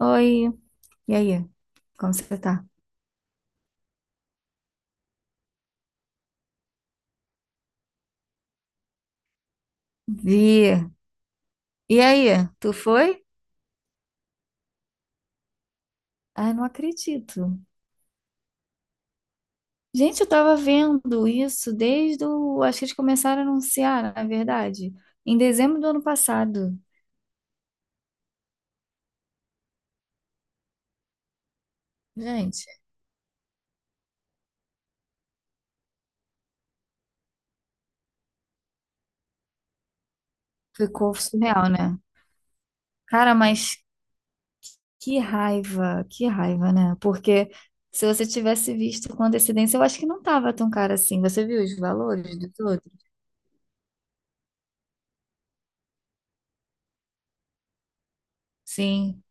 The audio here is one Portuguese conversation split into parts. Oi, e aí? Como você tá? Vi. E aí, tu foi? Ai, não acredito. Gente, eu tava vendo isso. Acho que eles começaram a anunciar, na verdade, em dezembro do ano passado. Gente, ficou surreal, né? Cara, mas que raiva, né? Porque se você tivesse visto com antecedência, eu acho que não tava tão caro assim. Você viu os valores dos outros? Sim.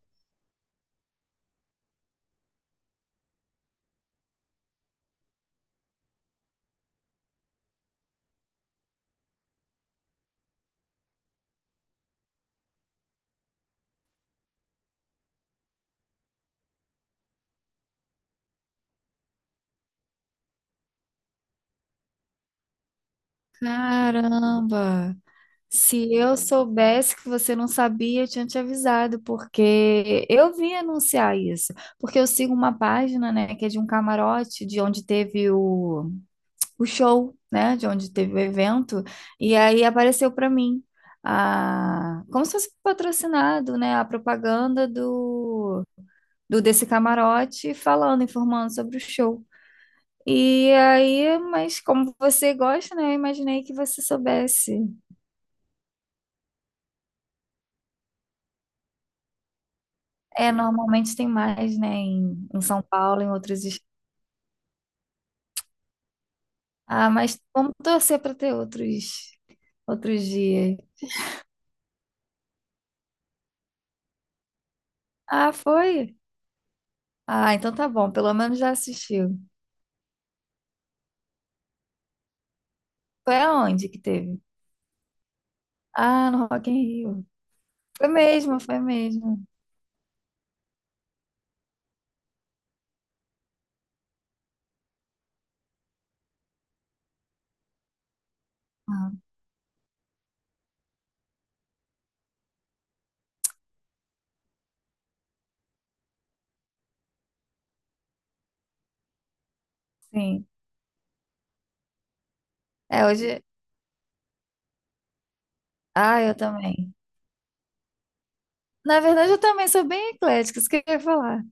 Caramba! Se eu soubesse que você não sabia, eu tinha te avisado, porque eu vim anunciar isso. Porque eu sigo uma página, né, que é de um camarote, de onde teve o show, né, de onde teve o evento, e aí apareceu para mim, a, como se fosse patrocinado, né, a propaganda do, do desse camarote falando, informando sobre o show. E aí, mas como você gosta, né, eu imaginei que você soubesse. É, normalmente tem mais, né, em São Paulo, em outros estados. Ah, mas vamos torcer para ter outros dias. Ah, foi? Ah, então tá bom, pelo menos já assistiu. Foi aonde que teve? Ah, no Rock in Rio. Foi mesmo, foi mesmo. Ah, sim. É, hoje... Ah, eu também. Na verdade, eu também sou bem eclética, isso que eu ia falar.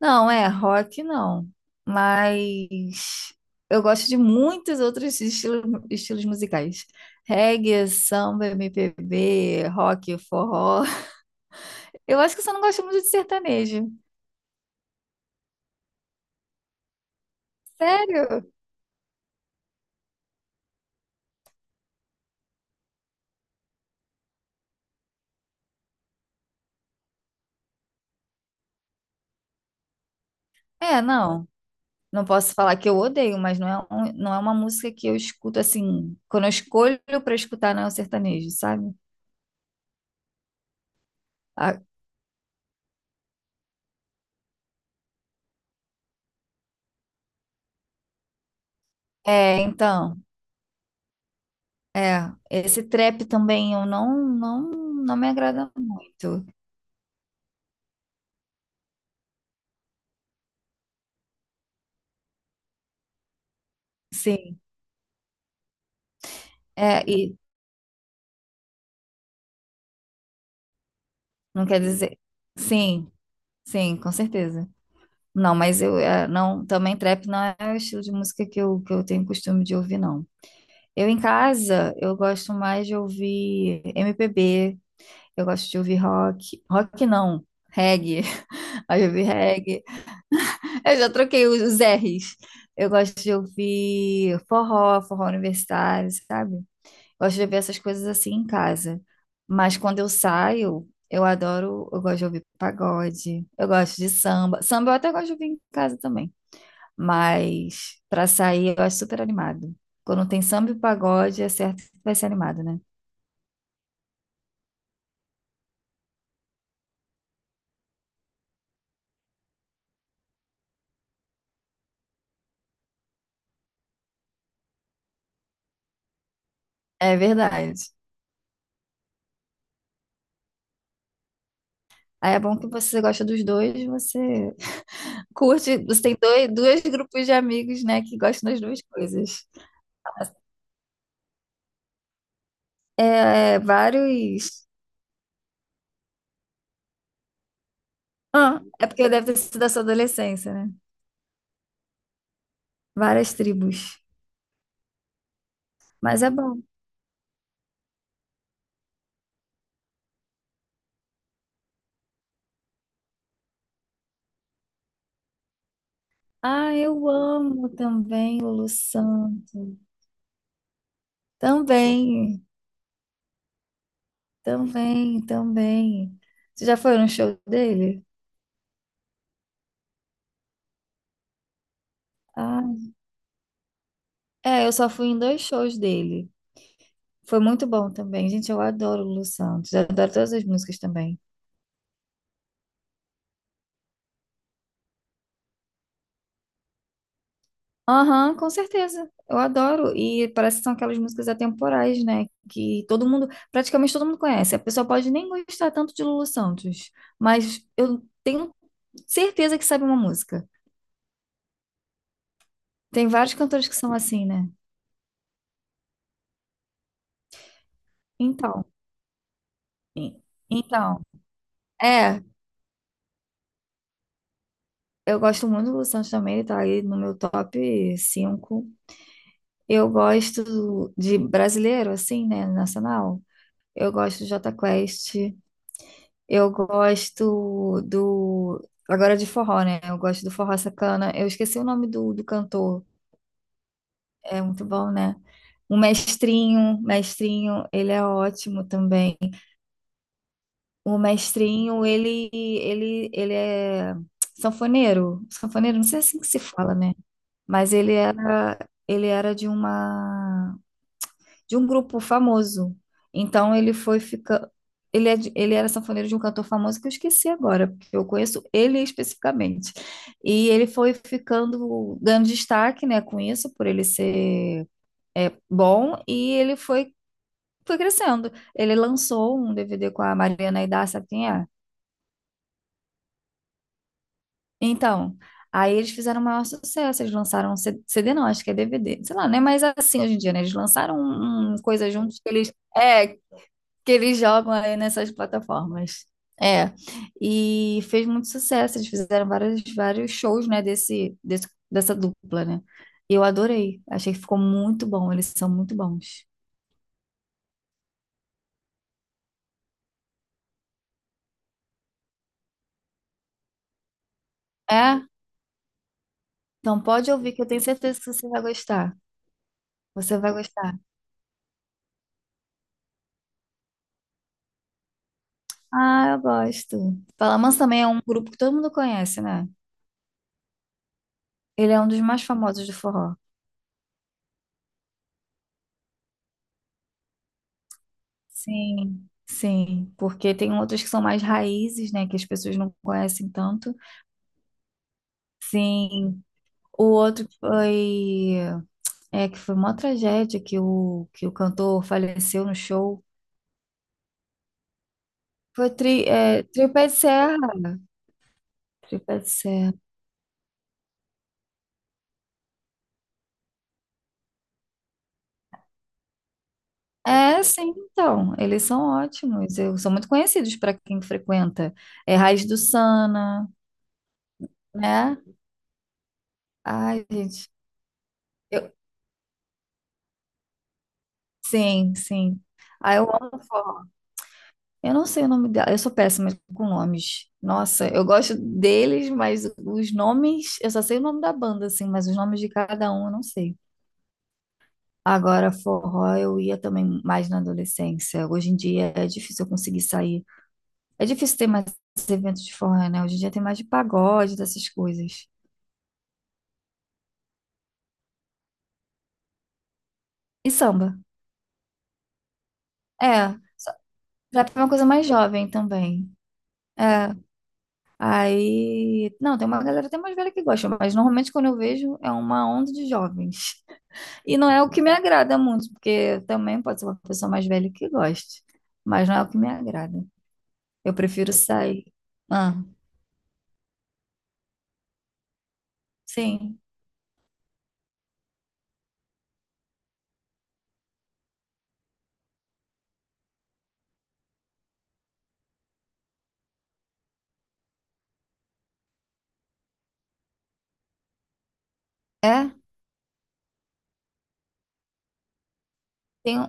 Não, é rock não, mas eu gosto de muitos outros estilos, estilos musicais. Reggae, samba, MPB, rock, forró. Eu acho que eu só não gosto muito de sertanejo. Sério? É, não. Não posso falar que eu odeio, mas não é, não é uma música que eu escuto assim, quando eu escolho para escutar não é o sertanejo, sabe? Ah, É, então, é, esse trap também eu não me agrada muito. Sim. É, e não quer dizer. Sim, sim, com certeza. Não, mas eu não, também trap não é o estilo de música que eu tenho costume de ouvir, não. Eu em casa, eu gosto mais de ouvir MPB, eu gosto de ouvir rock. Rock não, reggae. Aí eu ouvi reggae. Eu já troquei os R's. Eu gosto de ouvir forró, forró universitário, sabe? Gosto de ouvir essas coisas assim em casa. Mas quando eu saio, eu adoro, eu gosto de ouvir pagode, eu gosto de samba. Samba eu até gosto de ouvir em casa também. Mas pra sair, eu acho super animado. Quando tem samba e pagode, é certo que vai ser animado, né? É verdade. Aí é bom que você gosta dos dois, você curte, você tem dois grupos de amigos, né, que gostam das duas coisas. É, é, vários. Ah, é porque deve ter sido da sua adolescência, né? Várias tribos. Mas é bom. Ah, eu amo também o Lu Santos. Também, também, também. Você já foi no show dele? Ah, é, eu só fui em dois shows dele. Foi muito bom também. Gente, eu adoro o Lu Santos. Eu adoro todas as músicas também. Aham, com certeza. Eu adoro. E parece que são aquelas músicas atemporais, né? Que todo mundo, praticamente todo mundo conhece. A pessoa pode nem gostar tanto de Lulu Santos, mas eu tenho certeza que sabe uma música. Tem vários cantores que são assim, né? Então, então, é, eu gosto muito do Lu Santos também, ele tá aí no meu top 5. Eu gosto de brasileiro, assim, né? Nacional. Eu gosto do Jota Quest, eu gosto do. Agora de forró, né? Eu gosto do Forró Sacana. Eu esqueci o nome do cantor. É muito bom, né? O Mestrinho, ele é ótimo também. O mestrinho, ele é sanfoneiro. Sanfoneiro, não sei assim que se fala, né? Mas ele era de um grupo famoso. Então ele foi fica, ele, é de- ele era sanfoneiro de um cantor famoso que eu esqueci agora, porque eu conheço ele especificamente. E ele foi ficando, ganhando destaque, né, com isso, por ele ser bom, e ele foi crescendo. Ele lançou um DVD com a Mariana Aidar, sabe quem é? Então, aí eles fizeram o maior sucesso, eles lançaram um CD, não, acho que é DVD, sei lá, né? Mas assim hoje em dia, né? Eles lançaram um coisa juntos que eles jogam aí nessas plataformas. É, e fez muito sucesso, eles fizeram vários shows, né, dessa dupla, né? E eu adorei, achei que ficou muito bom, eles são muito bons. É? Então pode ouvir que eu tenho certeza que você vai gostar. Você vai gostar. Ah, eu gosto. Palamans também é um grupo que todo mundo conhece, né? Ele é um dos mais famosos do forró. Sim, sim, porque tem outros que são mais raízes, né, que as pessoas não conhecem tanto. Sim. O outro que foi é que foi uma tragédia que o cantor faleceu no show. Foi Tripé de Serra. É, sim, então, eles são ótimos. Eu são muito conhecidos para quem frequenta. É Raiz do Sana, né? Ai, gente. Eu, sim, sim. Ah, eu amo forró. Eu não sei o nome dela. Eu sou péssima com nomes. Nossa, eu gosto deles, mas os nomes, eu só sei o nome da banda, assim, mas os nomes de cada um eu não sei. Agora, forró, eu ia também mais na adolescência. Hoje em dia é difícil eu conseguir sair. É difícil ter mais eventos de forró, né? Hoje em dia tem mais de pagode, dessas coisas. E samba. É, só- já tem uma coisa mais jovem também. É, aí. Não, tem uma galera até mais velha que gosta, mas normalmente quando eu vejo é uma onda de jovens. E não é o que me agrada muito, porque também pode ser uma pessoa mais velha que goste, mas não é o que me agrada. Eu prefiro sair. Ah, sim. É, tem,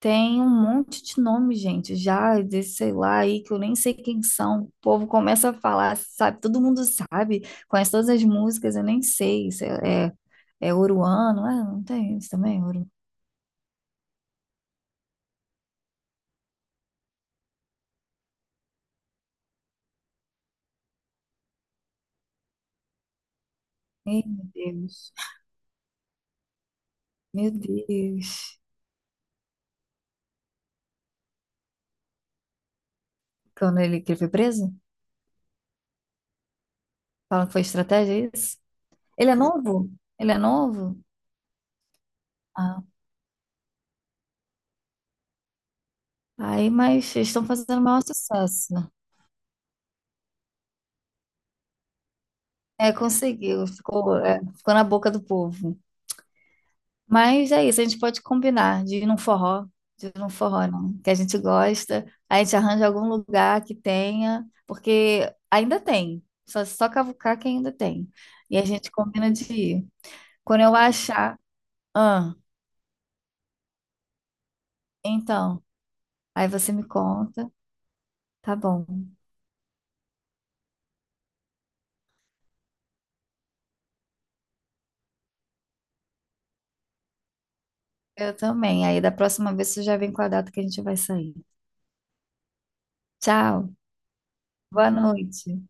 tem um monte de nome, gente, já desse, sei lá, aí que eu nem sei quem são. O povo começa a falar, sabe? Todo mundo sabe, conhece todas as músicas, eu nem sei se é Oruano, ah, não tem isso também? Ih, meu Deus. Meu Deus. Quando que ele foi preso? Falam que foi estratégia, é isso? Ele é novo? Ele é novo? Ah, aí, mas eles estão fazendo o maior sucesso, né? É, conseguiu, ficou na boca do povo. Mas é isso, a gente pode combinar de ir num forró, não, que a gente gosta, a gente arranja algum lugar que tenha, porque ainda tem, só cavucar que ainda tem. E a gente combina de ir. Quando eu achar, ah, então, aí você me conta, tá bom. Eu também. Aí da próxima vez você já vem com a data que a gente vai sair. Tchau. Boa noite.